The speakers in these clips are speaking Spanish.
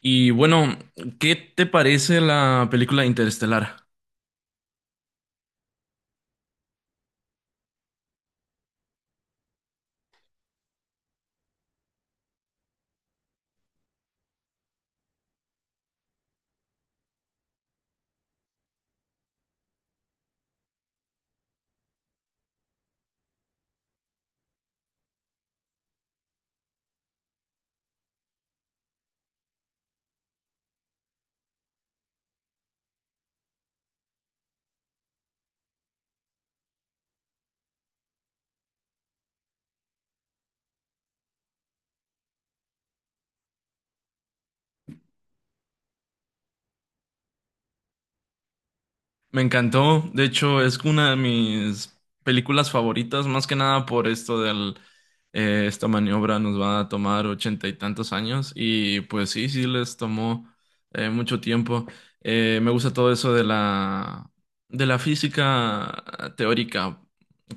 Y bueno, ¿qué te parece la película Interestelar? Me encantó, de hecho es una de mis películas favoritas, más que nada por esto esta maniobra nos va a tomar ochenta y tantos años, y pues sí, sí les tomó mucho tiempo. Me gusta todo eso de la física teórica,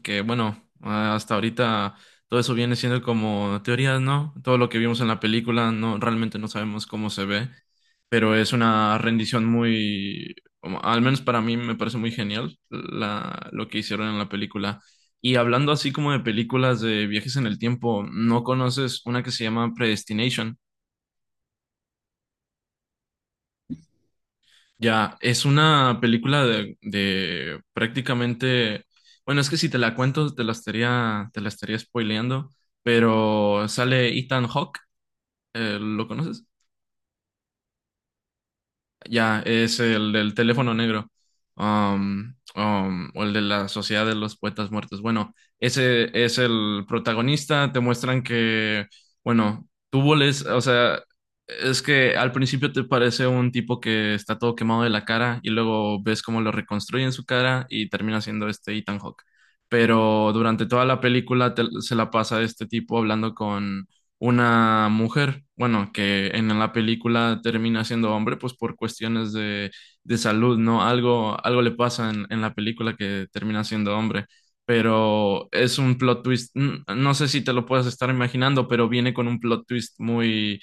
que bueno, hasta ahorita todo eso viene siendo como teorías, ¿no? Todo lo que vimos en la película, no, realmente no sabemos cómo se ve, pero es una rendición muy al menos para mí me parece muy genial lo que hicieron en la película. Y hablando así como de películas de viajes en el tiempo, ¿no conoces una que se llama Predestination? Ya, es una película de prácticamente, bueno, es que si te la cuento te la estaría spoileando, pero sale Ethan Hawke. ¿Lo conoces? Ya, es el del teléfono negro. O el de la Sociedad de los Poetas Muertos. Bueno, ese es el protagonista. Te muestran que, bueno, tú voles, o sea, es que al principio te parece un tipo que está todo quemado de la cara y luego ves cómo lo reconstruyen su cara y termina siendo este Ethan Hawke. Pero durante toda la película se la pasa este tipo hablando con una mujer, bueno, que en la película termina siendo hombre, pues por cuestiones de salud, ¿no? Algo le pasa en la película, que termina siendo hombre, pero es un plot twist. No sé si te lo puedes estar imaginando, pero viene con un plot twist muy,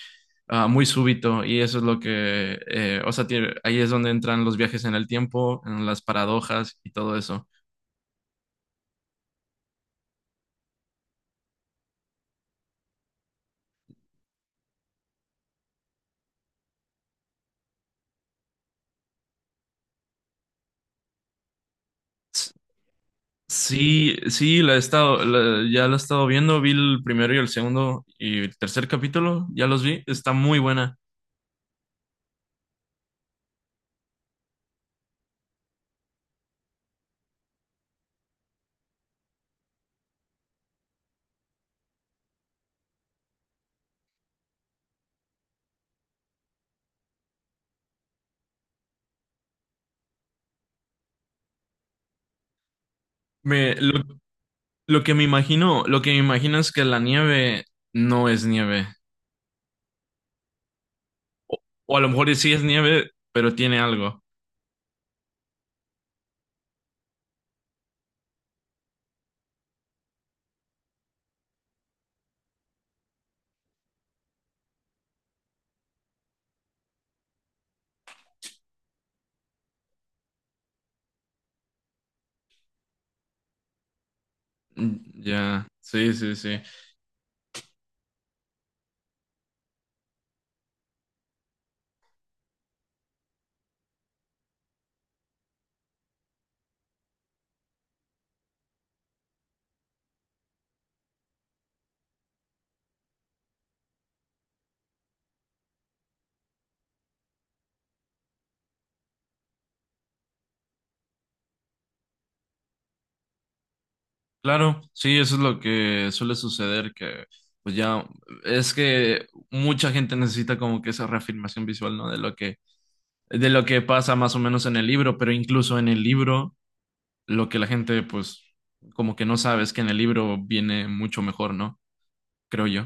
muy súbito, y eso es lo que, o sea, ahí es donde entran los viajes en el tiempo, en las paradojas y todo eso. Sí, sí, la he estado, ya la he estado viendo, vi el primero y el segundo y el tercer capítulo, ya los vi, está muy buena. Me, lo, lo que me imagino es que la nieve no es nieve, o, o a lo mejor sí es nieve, pero tiene algo. Mm. Ya. Sí, sí, sí. Claro, sí, eso es lo que suele suceder, que pues ya es que mucha gente necesita como que esa reafirmación visual, ¿no? De lo que pasa más o menos en el libro, pero incluso en el libro lo que la gente, pues, como que no sabe, es que en el libro viene mucho mejor, ¿no? Creo yo.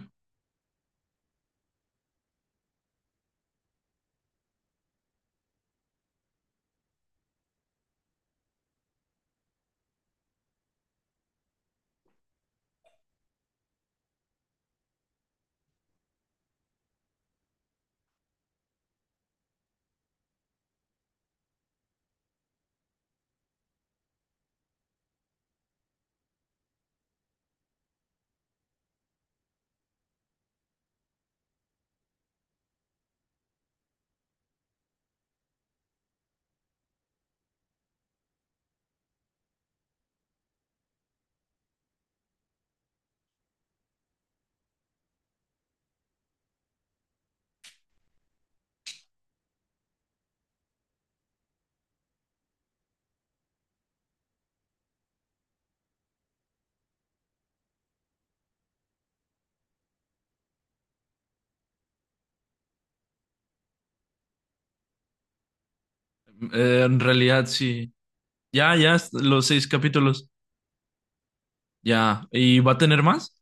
En realidad sí. Ya, ya, los seis capítulos. Ya. ¿Y va a tener más?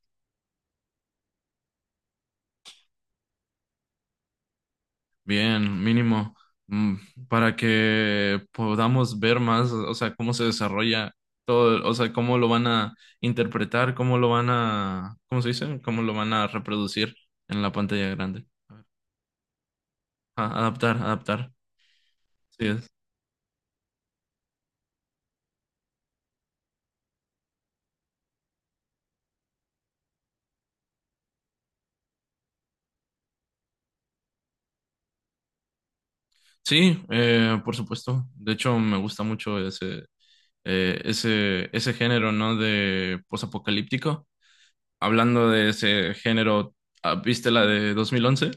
Bien, mínimo, mm, para que podamos ver más, o sea, cómo se desarrolla todo, o sea, cómo lo van a interpretar, cómo lo van a, ¿cómo se dice? Cómo lo van a reproducir en la pantalla grande. Ah, adaptar, adaptar. Sí, es. Sí, por supuesto. De hecho, me gusta mucho ese género, ¿no? De posapocalíptico. Hablando de ese género, ¿viste la de dos mil once,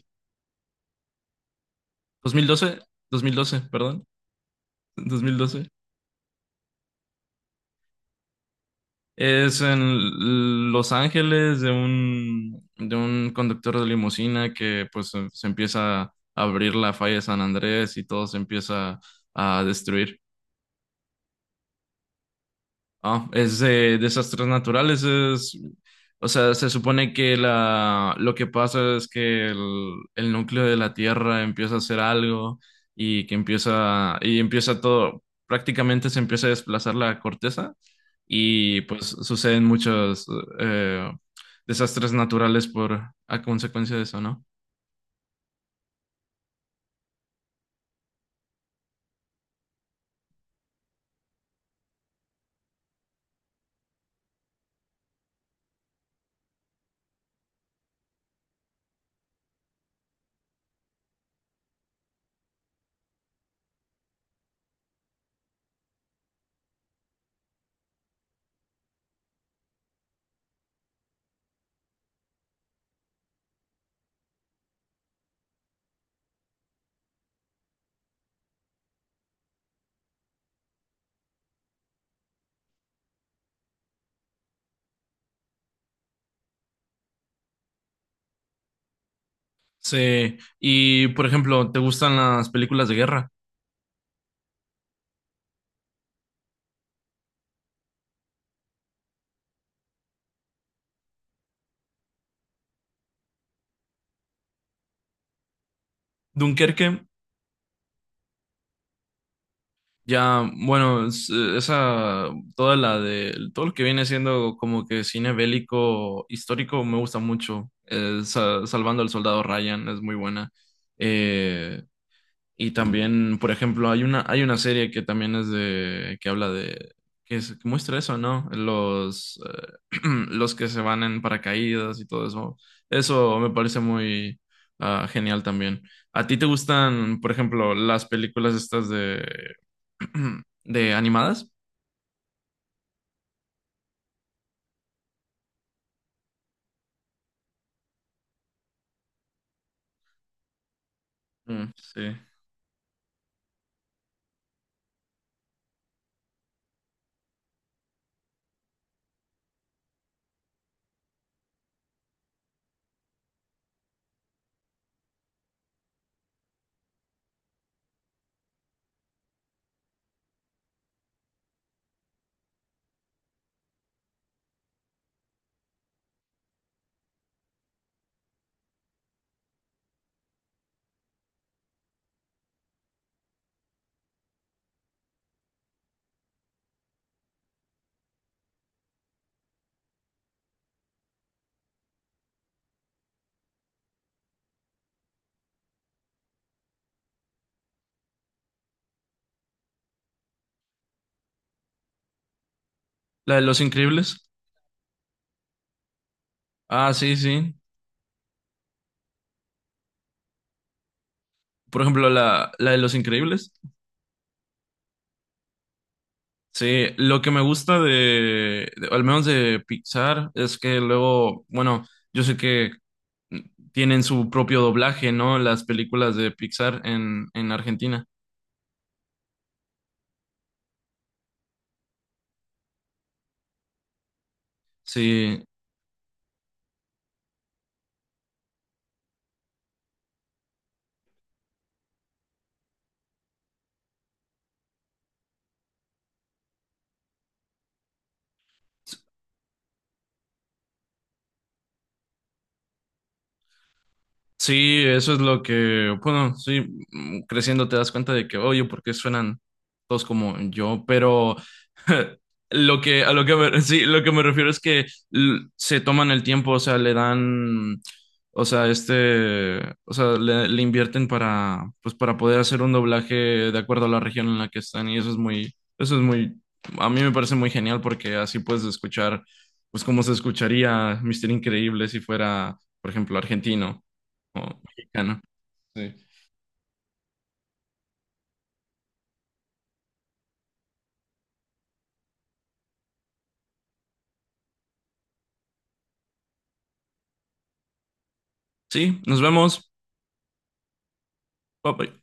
dos mil doce dos mil doce perdón, 2012? Es en Los Ángeles, de un, conductor de limusina que pues se empieza a abrir la falla de San Andrés y todo se empieza a destruir. Ah, es de desastres naturales, es, o sea, se supone que lo que pasa es que el núcleo de la Tierra empieza a hacer algo, y que empieza todo, prácticamente se empieza a desplazar la corteza, y pues suceden muchos, eh, desastres naturales, a consecuencia de eso, ¿no? Sí, y por ejemplo, ¿te gustan las películas de guerra? Dunkerque. Ya, bueno, es- esa, toda la de, todo lo que viene siendo como que cine bélico histórico me gusta mucho. Salvando al Soldado Ryan es muy buena. Eh, y también, por ejemplo, hay una serie que también es de, que habla de, que, que muestra eso, ¿no? Los que se van en paracaídas y todo eso. Eso me parece muy, genial también. ¿A ti te gustan, por ejemplo, las películas estas de de animadas? Mm, sí. La de Los Increíbles. Ah, sí, sí. Por ejemplo, la de Los Increíbles. Sí, lo que me gusta al menos de Pixar, es que luego, bueno, yo sé que, mm, tienen su propio doblaje, ¿no? Las películas de Pixar en, Argentina. Sí. Sí, eso es lo que, bueno, sí, creciendo te das cuenta de que, oye, ¿por qué suenan todos como yo? Pero lo que, a lo que me, sí, lo que me refiero es que se toman el tiempo, o sea, le dan, o sea, este, o sea, le invierten para, pues, para poder hacer un doblaje de acuerdo a la región en la que están, y eso es muy, a mí me parece muy genial, porque así puedes escuchar, pues, cómo se escucharía Mister Increíble si fuera, por ejemplo, argentino como mexicano. Sí. Sí, nos vemos. Bye bye.